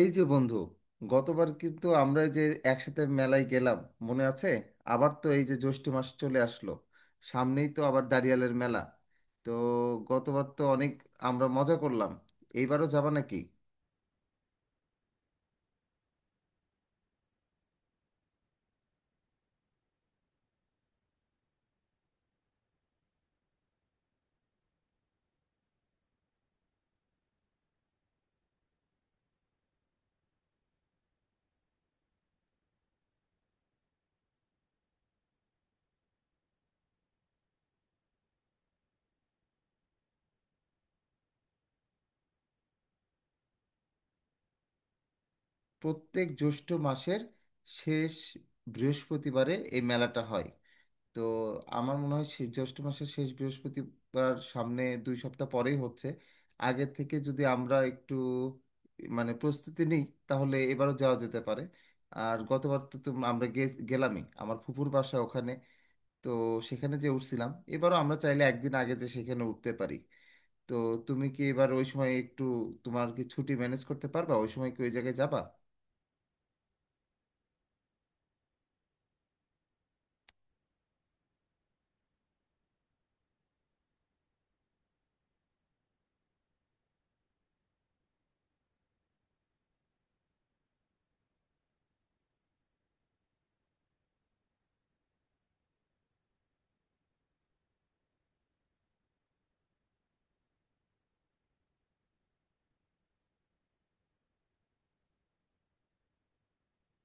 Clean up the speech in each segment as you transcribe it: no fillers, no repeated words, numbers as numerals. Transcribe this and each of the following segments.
এই যে বন্ধু, গতবার কিন্তু আমরা যে একসাথে মেলায় গেলাম মনে আছে? আবার তো এই যে জ্যৈষ্ঠ মাস চলে আসলো, সামনেই তো আবার দাঁড়িয়ালের মেলা। তো গতবার তো অনেক আমরা মজা করলাম, এইবারও যাবা নাকি? প্রত্যেক জ্যৈষ্ঠ মাসের শেষ বৃহস্পতিবারে এই মেলাটা হয়। তো আমার মনে হয় জ্যৈষ্ঠ মাসের শেষ বৃহস্পতিবার সামনে 2 সপ্তাহ পরেই হচ্ছে। আগের থেকে যদি আমরা একটু মানে প্রস্তুতি নিই তাহলে এবারও যাওয়া যেতে পারে। আর গতবার তো আমরা গেলামই আমার ফুফুর বাসা ওখানে। তো সেখানে যে উঠছিলাম, এবারও আমরা চাইলে একদিন আগে যে সেখানে উঠতে পারি। তো তুমি কি এবার ওই সময় একটু, তোমার কি ছুটি ম্যানেজ করতে পারবা, ওই সময় কি ওই জায়গায় যাবা?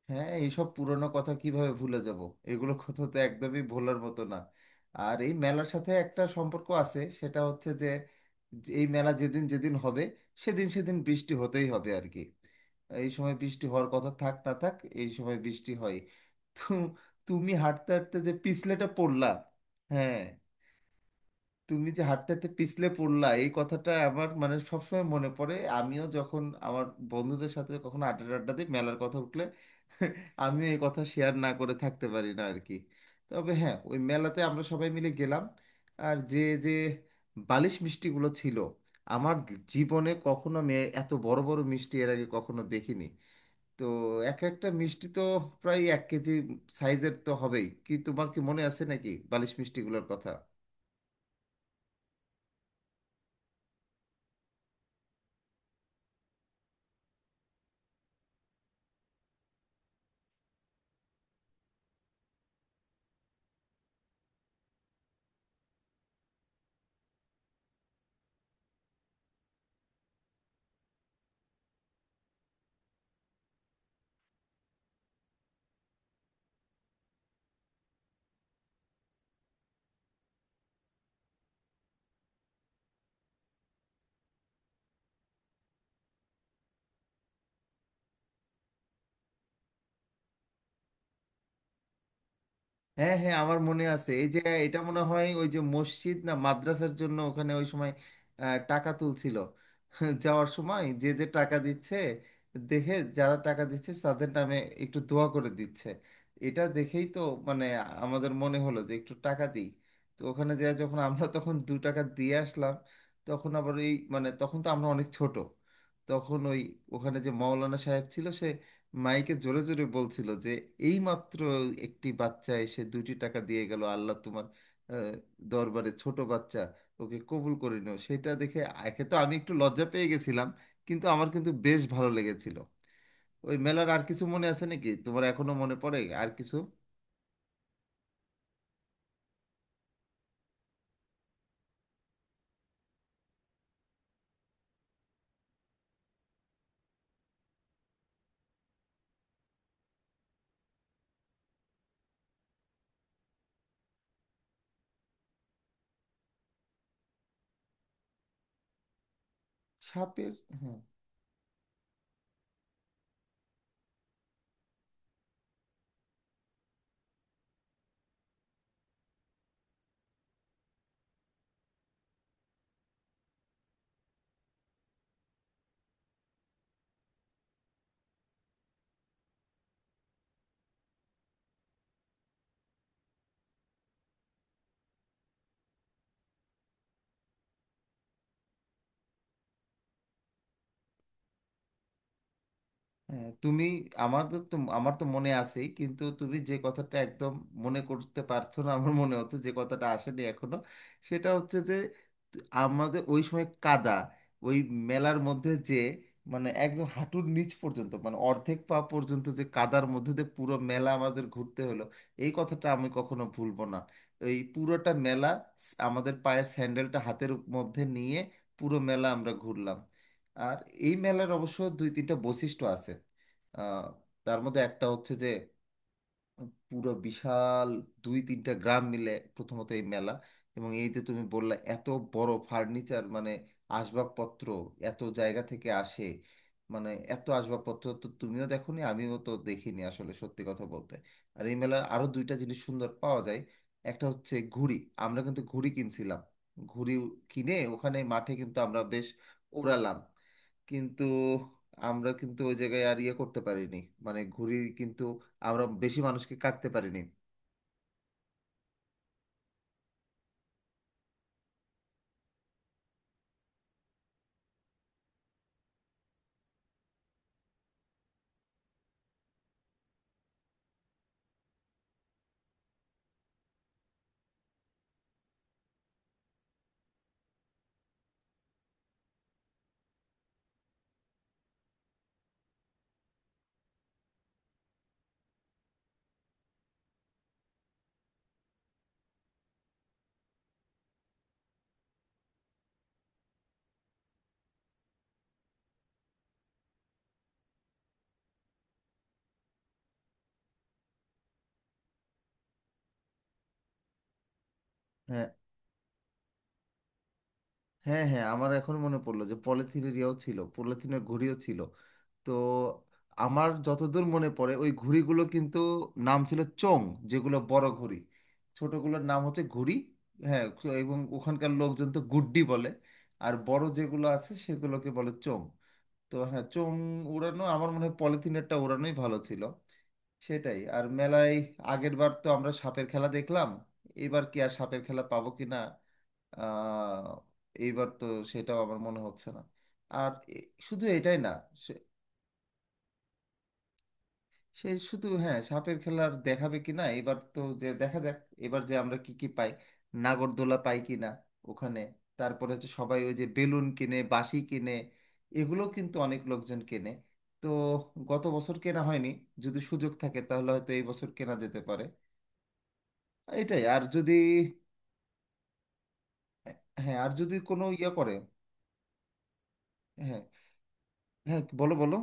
হ্যাঁ, এইসব পুরনো কথা কিভাবে ভুলে যাব, এগুলো কথা তো একদমই ভোলার মতো না। আর এই মেলার সাথে একটা সম্পর্ক আছে, সেটা হচ্ছে যে যে এই মেলা যেদিন যেদিন হবে সেদিন সেদিন বৃষ্টি হতেই হবে আর কি। এই সময় বৃষ্টি হওয়ার কথা থাক না থাক, এই সময় বৃষ্টি হয়। তো তুমি হাঁটতে হাঁটতে যে পিছলেটা পড়লা। হ্যাঁ, তুমি যে হাঁটতে হাঁটতে পিছলে পড়লা এই কথাটা আমার মানে সবসময় মনে পড়ে, আমিও যখন আমার বন্ধুদের সাথে কখনো আড্ডা আড্ডা দিই মেলার কথা উঠলে আমিও এই কথা শেয়ার না করে থাকতে পারি না আর কি। তবে হ্যাঁ, ওই মেলাতে আমরা সবাই মিলে গেলাম। আর যে যে বালিশ মিষ্টিগুলো ছিল, আমার জীবনে কখনো আমি এত বড় বড় মিষ্টি এর আগে কখনো দেখিনি। তো এক একটা মিষ্টি তো প্রায় 1 কেজি সাইজের তো হবেই। কি তোমার কি মনে আছে নাকি বালিশ মিষ্টিগুলোর কথা? হ্যাঁ হ্যাঁ, আমার মনে আছে এই যে, এটা মনে হয় ওই যে মসজিদ না মাদ্রাসার জন্য ওখানে ওই সময় টাকা তুলছিল। যাওয়ার সময় যে যে টাকা দিচ্ছে দেখে, যারা টাকা দিচ্ছে তাদের নামে একটু দোয়া করে দিচ্ছে। এটা দেখেই তো মানে আমাদের মনে হলো যে একটু টাকা দিই। তো ওখানে যখন আমরা তখন 2 টাকা দিয়ে আসলাম। তখন আবার এই মানে তখন তো আমরা অনেক ছোট। তখন ওখানে যে মাওলানা সাহেব ছিল, সে মাইকে জোরে জোরে বলছিল যে এই মাত্র একটি বাচ্চা এসে 2টি টাকা দিয়ে গেল, আল্লাহ তোমার আহ, দরবারে ছোট বাচ্চা ওকে কবুল করে নিও। সেটা দেখে একে তো আমি একটু লজ্জা পেয়ে গেছিলাম, কিন্তু আমার কিন্তু বেশ ভালো লেগেছিল। ওই মেলার আর কিছু মনে আছে নাকি, তোমার এখনো মনে পড়ে আর কিছু? সাপের, হ্যাঁ হ্যাঁ। তুমি, আমাদের তো, আমার তো মনে আছেই কিন্তু তুমি যে কথাটা একদম মনে করতে পারছো না আমার মনে হচ্ছে যে কথাটা আসেনি এখনো। সেটা হচ্ছে যে আমাদের ওই সময় কাদা, ওই মেলার মধ্যে যে, মানে একদম হাঁটুর নিচ পর্যন্ত মানে অর্ধেক পা পর্যন্ত যে কাদার মধ্যে দিয়ে পুরো মেলা আমাদের ঘুরতে হলো। এই কথাটা আমি কখনো ভুলবো না। এই পুরোটা মেলা আমাদের পায়ের স্যান্ডেলটা হাতের মধ্যে নিয়ে পুরো মেলা আমরা ঘুরলাম। আর এই মেলার অবশ্য দুই তিনটা বৈশিষ্ট্য আছে। আহ, তার মধ্যে একটা হচ্ছে যে পুরো বিশাল দুই তিনটা গ্রাম মিলে প্রথমত এই মেলা। এবং এই যে তুমি বললা এত বড় ফার্নিচার মানে আসবাবপত্র এত জায়গা থেকে আসে। মানে এত আসবাবপত্র তো তুমিও দেখোনি আমিও তো দেখিনি আসলে সত্যি কথা বলতে। আর এই মেলার আরো দুইটা জিনিস সুন্দর পাওয়া যায়। একটা হচ্ছে ঘুড়ি। আমরা কিন্তু ঘুড়ি কিনছিলাম। ঘুড়ি কিনে ওখানে মাঠে কিন্তু আমরা বেশ ওড়ালাম। কিন্তু আমরা কিন্তু ওই জায়গায় আর ইয়ে করতে পারিনি। মানে ঘুড়ি কিন্তু আমরা বেশি মানুষকে কাটতে পারিনি। হ্যাঁ হ্যাঁ, হ্যাঁ আমার এখন মনে পড়লো যে পলিথিনের ইয়েও ছিল, পলিথিনের ঘুড়িও ছিল। তো আমার যতদূর মনে পড়ে ওই ঘুড়িগুলো কিন্তু নাম ছিল চোং, যেগুলো বড় ঘুড়ি। ছোটগুলোর নাম হচ্ছে ঘুড়ি। হ্যাঁ, এবং ওখানকার লোকজন তো গুড্ডি বলে, আর বড় যেগুলো আছে সেগুলোকে বলে চোং। তো হ্যাঁ, চোঙ উড়ানো আমার মনে হয় পলিথিনেরটা উড়ানোই ভালো ছিল। সেটাই। আর মেলায় আগের বার তো আমরা সাপের খেলা দেখলাম, এবার কি আর সাপের খেলা পাবো কি না, আহ, এইবার তো সেটাও আমার মনে হচ্ছে না। আর শুধু এটাই না, সে শুধু হ্যাঁ সাপের খেলার দেখাবে কিনা এবার তো, যে দেখা যাক এবার যে আমরা কি কি পাই, নাগরদোলা পাই কিনা ওখানে। তারপরে হচ্ছে সবাই ওই যে বেলুন কিনে বাঁশি কিনে এগুলো কিন্তু অনেক লোকজন কেনে। তো গত বছর কেনা হয়নি, যদি সুযোগ থাকে তাহলে হয়তো এই বছর কেনা যেতে পারে। এটাই। আর যদি, হ্যাঁ আর যদি কোনো ইয়ে করে, হ্যাঁ হ্যাঁ বলো বলো।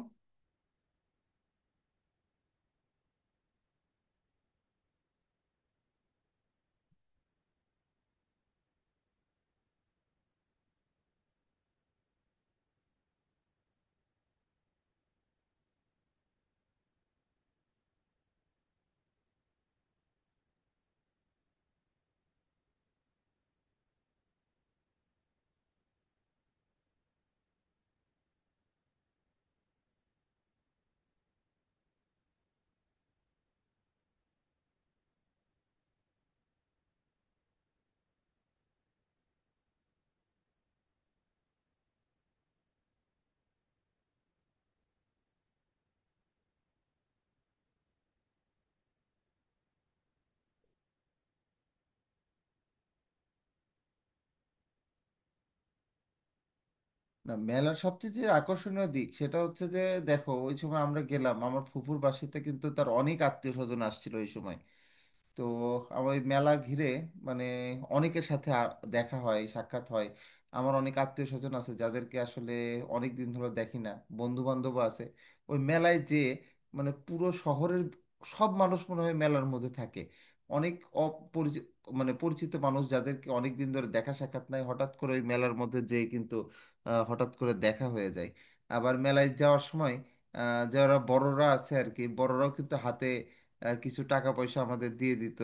না, মেলার সবচেয়ে যে আকর্ষণীয় দিক সেটা হচ্ছে যে দেখো ওই সময় আমরা গেলাম আমার ফুফুর বাসাতে, কিন্তু তার অনেক আত্মীয় স্বজন আসছিল ওই সময়। তো আমার ওই মেলা ঘিরে মানে অনেকের সাথে দেখা হয় সাক্ষাৎ হয়। আমার অনেক আত্মীয় স্বজন আছে যাদেরকে আসলে অনেক দিন ধরে দেখি না, বন্ধু বান্ধব আছে। ওই মেলায় যে মানে পুরো শহরের সব মানুষ মনে হয় মেলার মধ্যে থাকে। অনেক অপরিচিত মানে পরিচিত মানুষ যাদেরকে অনেক দিন ধরে দেখা সাক্ষাৎ নাই, হঠাৎ করে ওই মেলার মধ্যে যেয়ে কিন্তু হঠাৎ করে দেখা হয়ে যায়। আবার মেলায় যাওয়ার সময় যারা বড়রা আছে আর কি, বড়রাও কিন্তু হাতে আর কিছু টাকা পয়সা আমাদের দিয়ে দিত।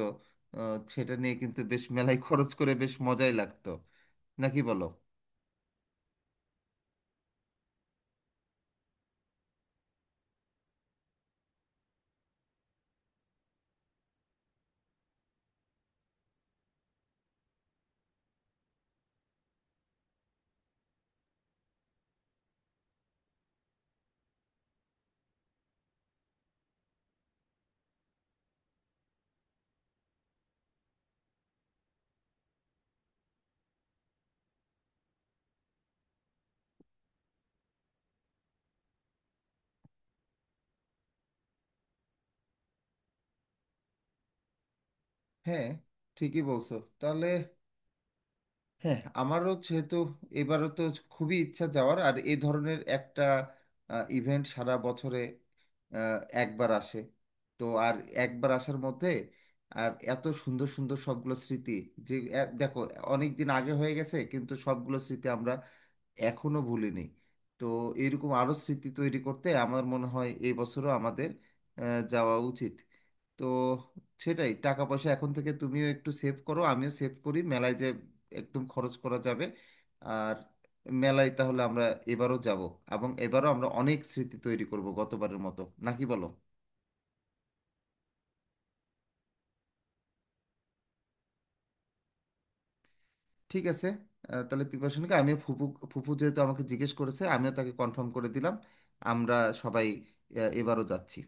সেটা নিয়ে কিন্তু বেশ মেলায় খরচ করে বেশ মজাই লাগতো, নাকি বলো? হ্যাঁ, ঠিকই বলছো। তাহলে হ্যাঁ আমারও যেহেতু এবারও তো খুবই ইচ্ছা যাওয়ার। আর এই ধরনের একটা ইভেন্ট সারা বছরে আহ, একবার আসে। তো আর একবার আসার মধ্যে আর এত সুন্দর সুন্দর সবগুলো স্মৃতি যে, দেখো অনেক দিন আগে হয়ে গেছে কিন্তু সবগুলো স্মৃতি আমরা এখনো ভুলিনি। তো এরকম আরো স্মৃতি তৈরি করতে আমার মনে হয় এই বছরও আমাদের যাওয়া উচিত। তো সেটাই, টাকা পয়সা এখন থেকে তুমিও একটু সেভ করো, আমিও সেভ করি, মেলায় যে একদম খরচ করা যাবে। আর মেলায় তাহলে আমরা এবারও যাব, এবং এবারও আমরা অনেক স্মৃতি তৈরি করব গতবারের মতো। নাকি বলো? ঠিক আছে তাহলে প্রিপারেশনকে আমিও ফুপু ফুপু যেহেতু আমাকে জিজ্ঞেস করেছে আমিও তাকে কনফার্ম করে দিলাম, আমরা সবাই এবারও যাচ্ছি।